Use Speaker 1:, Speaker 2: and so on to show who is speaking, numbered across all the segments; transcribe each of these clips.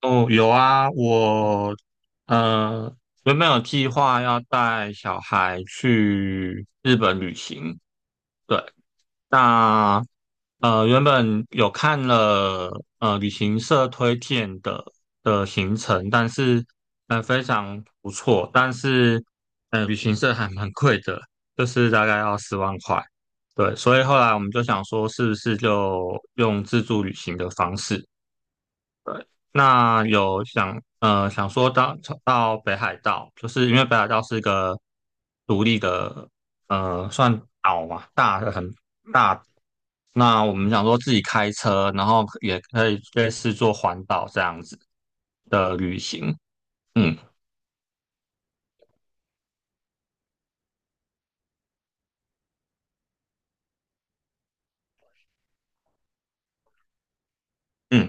Speaker 1: 哦，有啊，我呃原本有计划要带小孩去日本旅行，对，那原本有看了旅行社推荐的行程，但是非常不错，但是旅行社还蛮贵的，就是大概要10万块，对，所以后来我们就想说是不是就用自助旅行的方式。那有想说到北海道，就是因为北海道是一个独立的算岛嘛，大的很大。那我们想说自己开车，然后也可以类似做环岛这样子的旅行。嗯嗯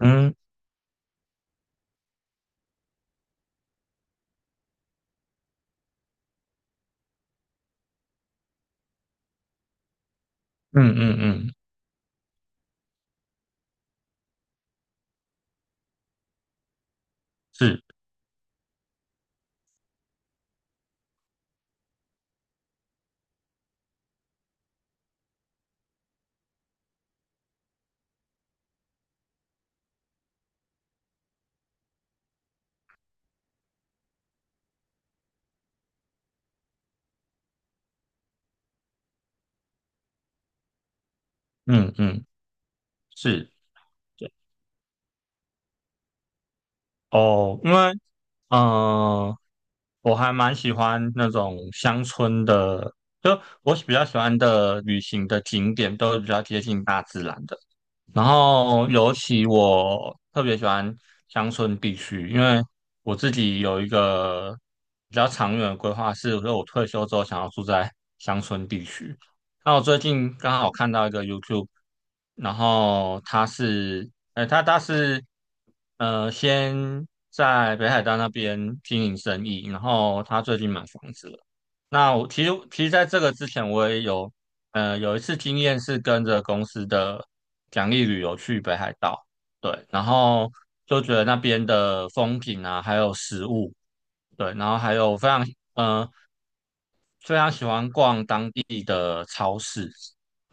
Speaker 1: 嗯嗯嗯嗯，是，嗯嗯是。对哦，因为嗯、呃我还蛮喜欢那种乡村的，就我比较喜欢的旅行的景点都是比较接近大自然的。然后尤其我特别喜欢乡村地区，因为我自己有一个比较长远的规划是，说我退休之后想要住在乡村地区。那我最近刚好看到一个 YouTube，然后他是，呃，他他是，呃，先在北海道那边经营生意，然后他最近买房子了。那我其实在这个之前，我也有，有一次经验是跟着公司的奖励旅游去北海道，对，然后就觉得那边的风景啊，还有食物，对，然后还有非常，嗯。非常喜欢逛当地的超市。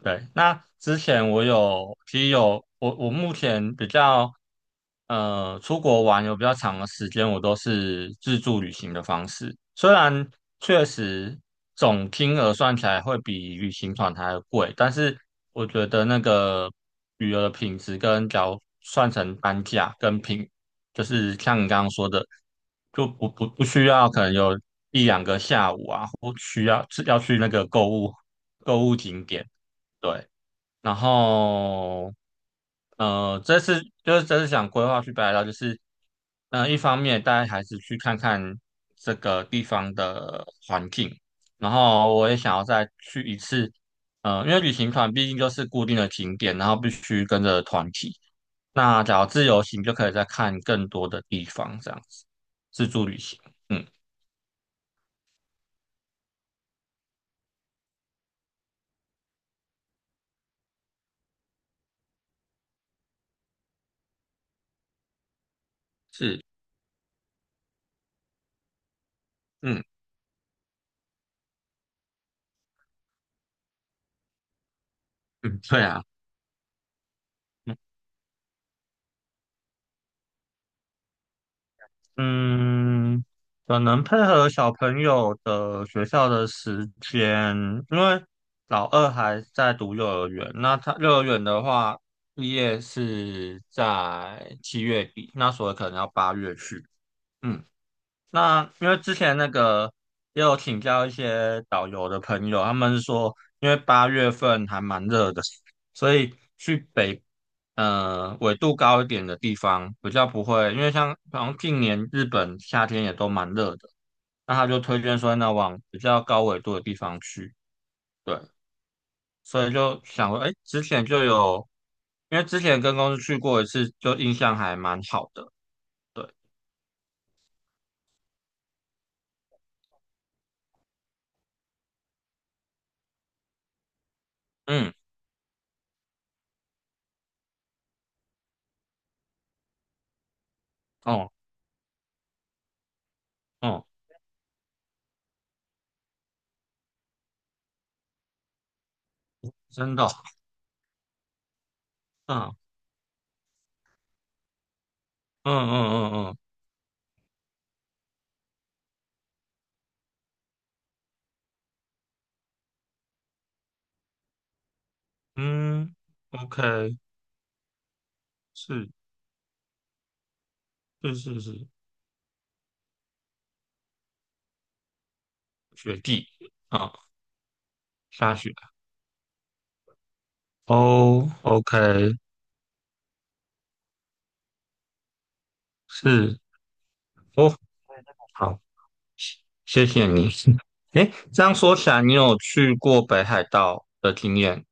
Speaker 1: 对，那之前我有，其实有我目前比较出国玩有比较长的时间，我都是自助旅行的方式。虽然确实总金额算起来会比旅行团还要贵，但是我觉得那个旅游的品质跟假如算成单价跟就是像你刚刚说的，就不需要可能有一两个下午啊，或需要是要去那个购物景点，对。然后这次想规划去北海道，就是一方面带孩子去看看这个地方的环境，然后我也想要再去一次，因为旅行团毕竟就是固定的景点，然后必须跟着团体。那假如自由行就可以再看更多的地方，这样子自助旅行，嗯，是，嗯嗯，对啊。嗯，可能配合小朋友的学校的时间，因为老二还在读幼儿园，那他幼儿园的话，毕业是在7月底，那所以可能要八月去。嗯。那因为之前那个也有请教一些导游的朋友，他们是说，因为8月份还蛮热的，所以去纬度高一点的地方比较不会，因为像好像近年日本夏天也都蛮热的，那他就推荐说那往比较高纬度的地方去，对，所以就想说，哎，之前就有，因为之前跟公司去过一次，就印象还蛮好的，对，嗯，哦，哦，真的哦。嗯。嗯嗯嗯嗯嗯，OK，是是是是，雪地啊，下雪。哦，OK，是。哦，好，谢谢你。诶，这样说起来，你有去过北海道的经验。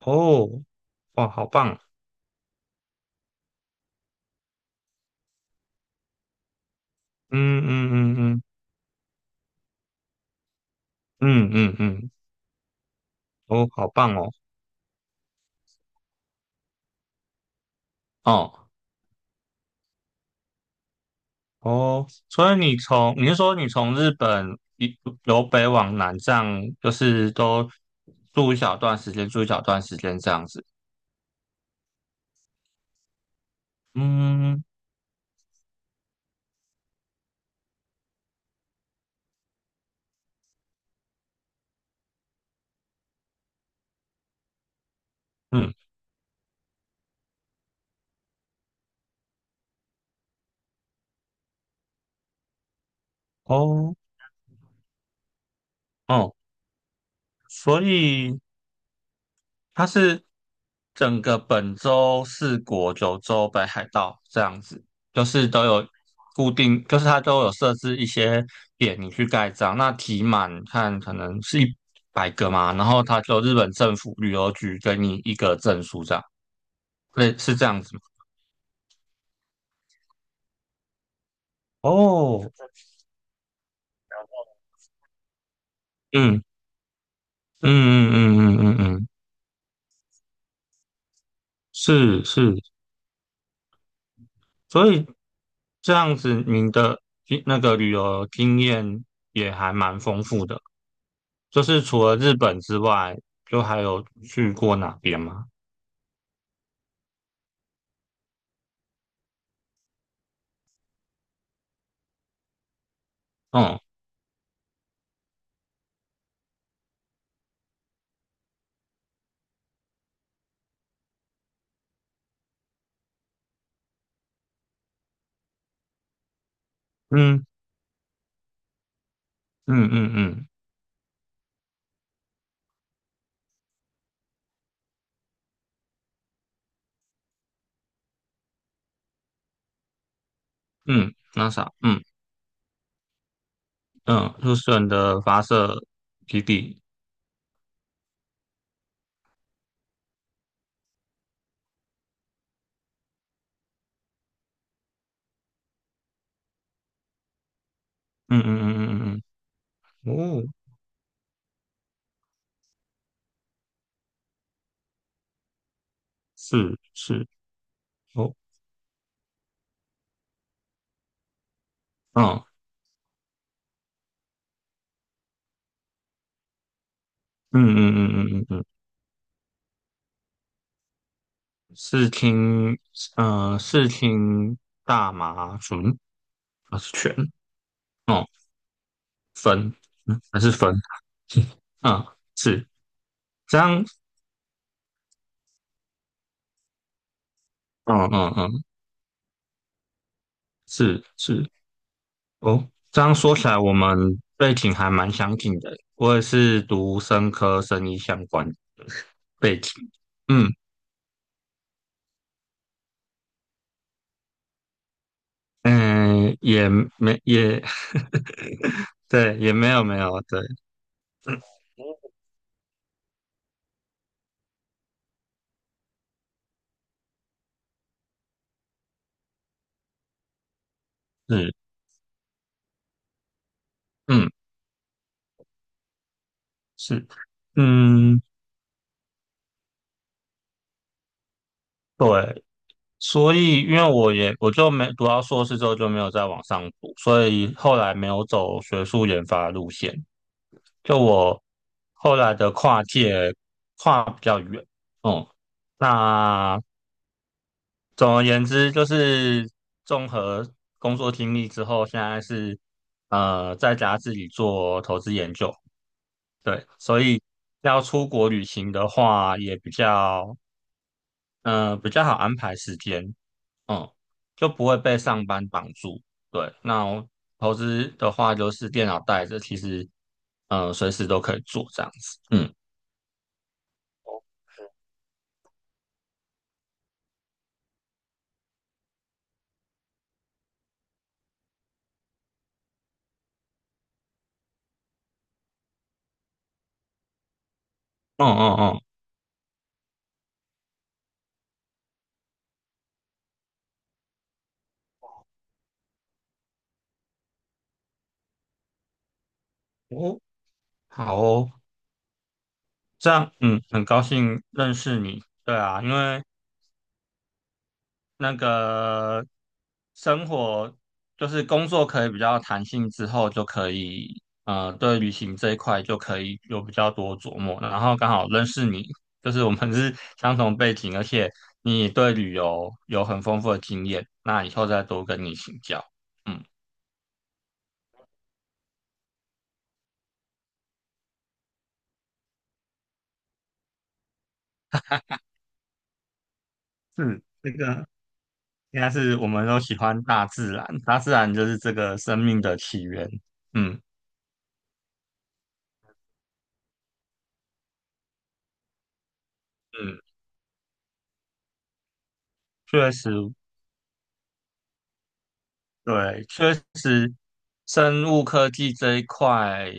Speaker 1: 哦，哇，好棒，嗯嗯嗯嗯嗯嗯嗯，哦，好棒哦，哦。哦，所以你是说你从日本一由北往南这样，就是都住一小段时间，住一小段时间这样子。嗯嗯，哦哦，所以它是整个本州、四国、九州、北海道这样子，就是都有固定，就是它都有设置一些点你去盖章，那题满看可能是100个嘛，然后它就日本政府旅游局给你一个证书这样。对，是这样子吗？哦，嗯嗯嗯嗯嗯嗯嗯，是是，所以这样子，您的经那个旅游经验也还蛮丰富的。就是除了日本之外，就还有去过哪边吗？嗯嗯嗯嗯嗯嗯，那啥，嗯嗯，入选的发射基地，嗯嗯嗯嗯嗯嗯，哦，是是哦，嗯嗯嗯嗯嗯嗯嗯，视听，视听大麻醇还是醛？哦，酚，嗯，还是酚，嗯，是这样，嗯嗯嗯，是是，哦，这样说起来，我们背景还蛮相近的。我也是读生科生医相关的背景，嗯嗯，也没也，对，也没有没有，对，是，嗯是，嗯对，所以因为我就没读到硕士之后就没有再往上读，所以后来没有走学术研发的路线。就我后来的跨界跨比较远，嗯，那总而言之就是综合工作经历之后，现在是在家自己做投资研究，对，所以要出国旅行的话也比较好安排时间，嗯，就不会被上班绑住，对，那我投资的话就是电脑带着，其实随时都可以做这样子，嗯嗯嗯嗯。哦，好哦，这样，嗯，很高兴认识你。对啊，因为那个生活就是工作可以比较弹性之后，就可以对旅行这一块就可以有比较多琢磨。然后刚好认识你，就是我们是相同背景，而且你也对旅游有很丰富的经验，那以后再多跟你请教。嗯，是这个应该是我们都喜欢大自然，大自然就是这个生命的起源。嗯。嗯，确实，对，确实，生物科技这一块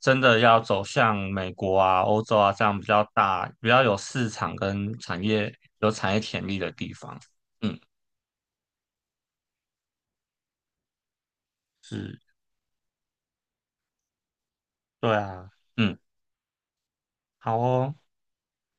Speaker 1: 真的要走向美国啊、欧洲啊这样比较大、比较有市场跟产业有产业潜力的地方。嗯，是，对啊，嗯，好哦。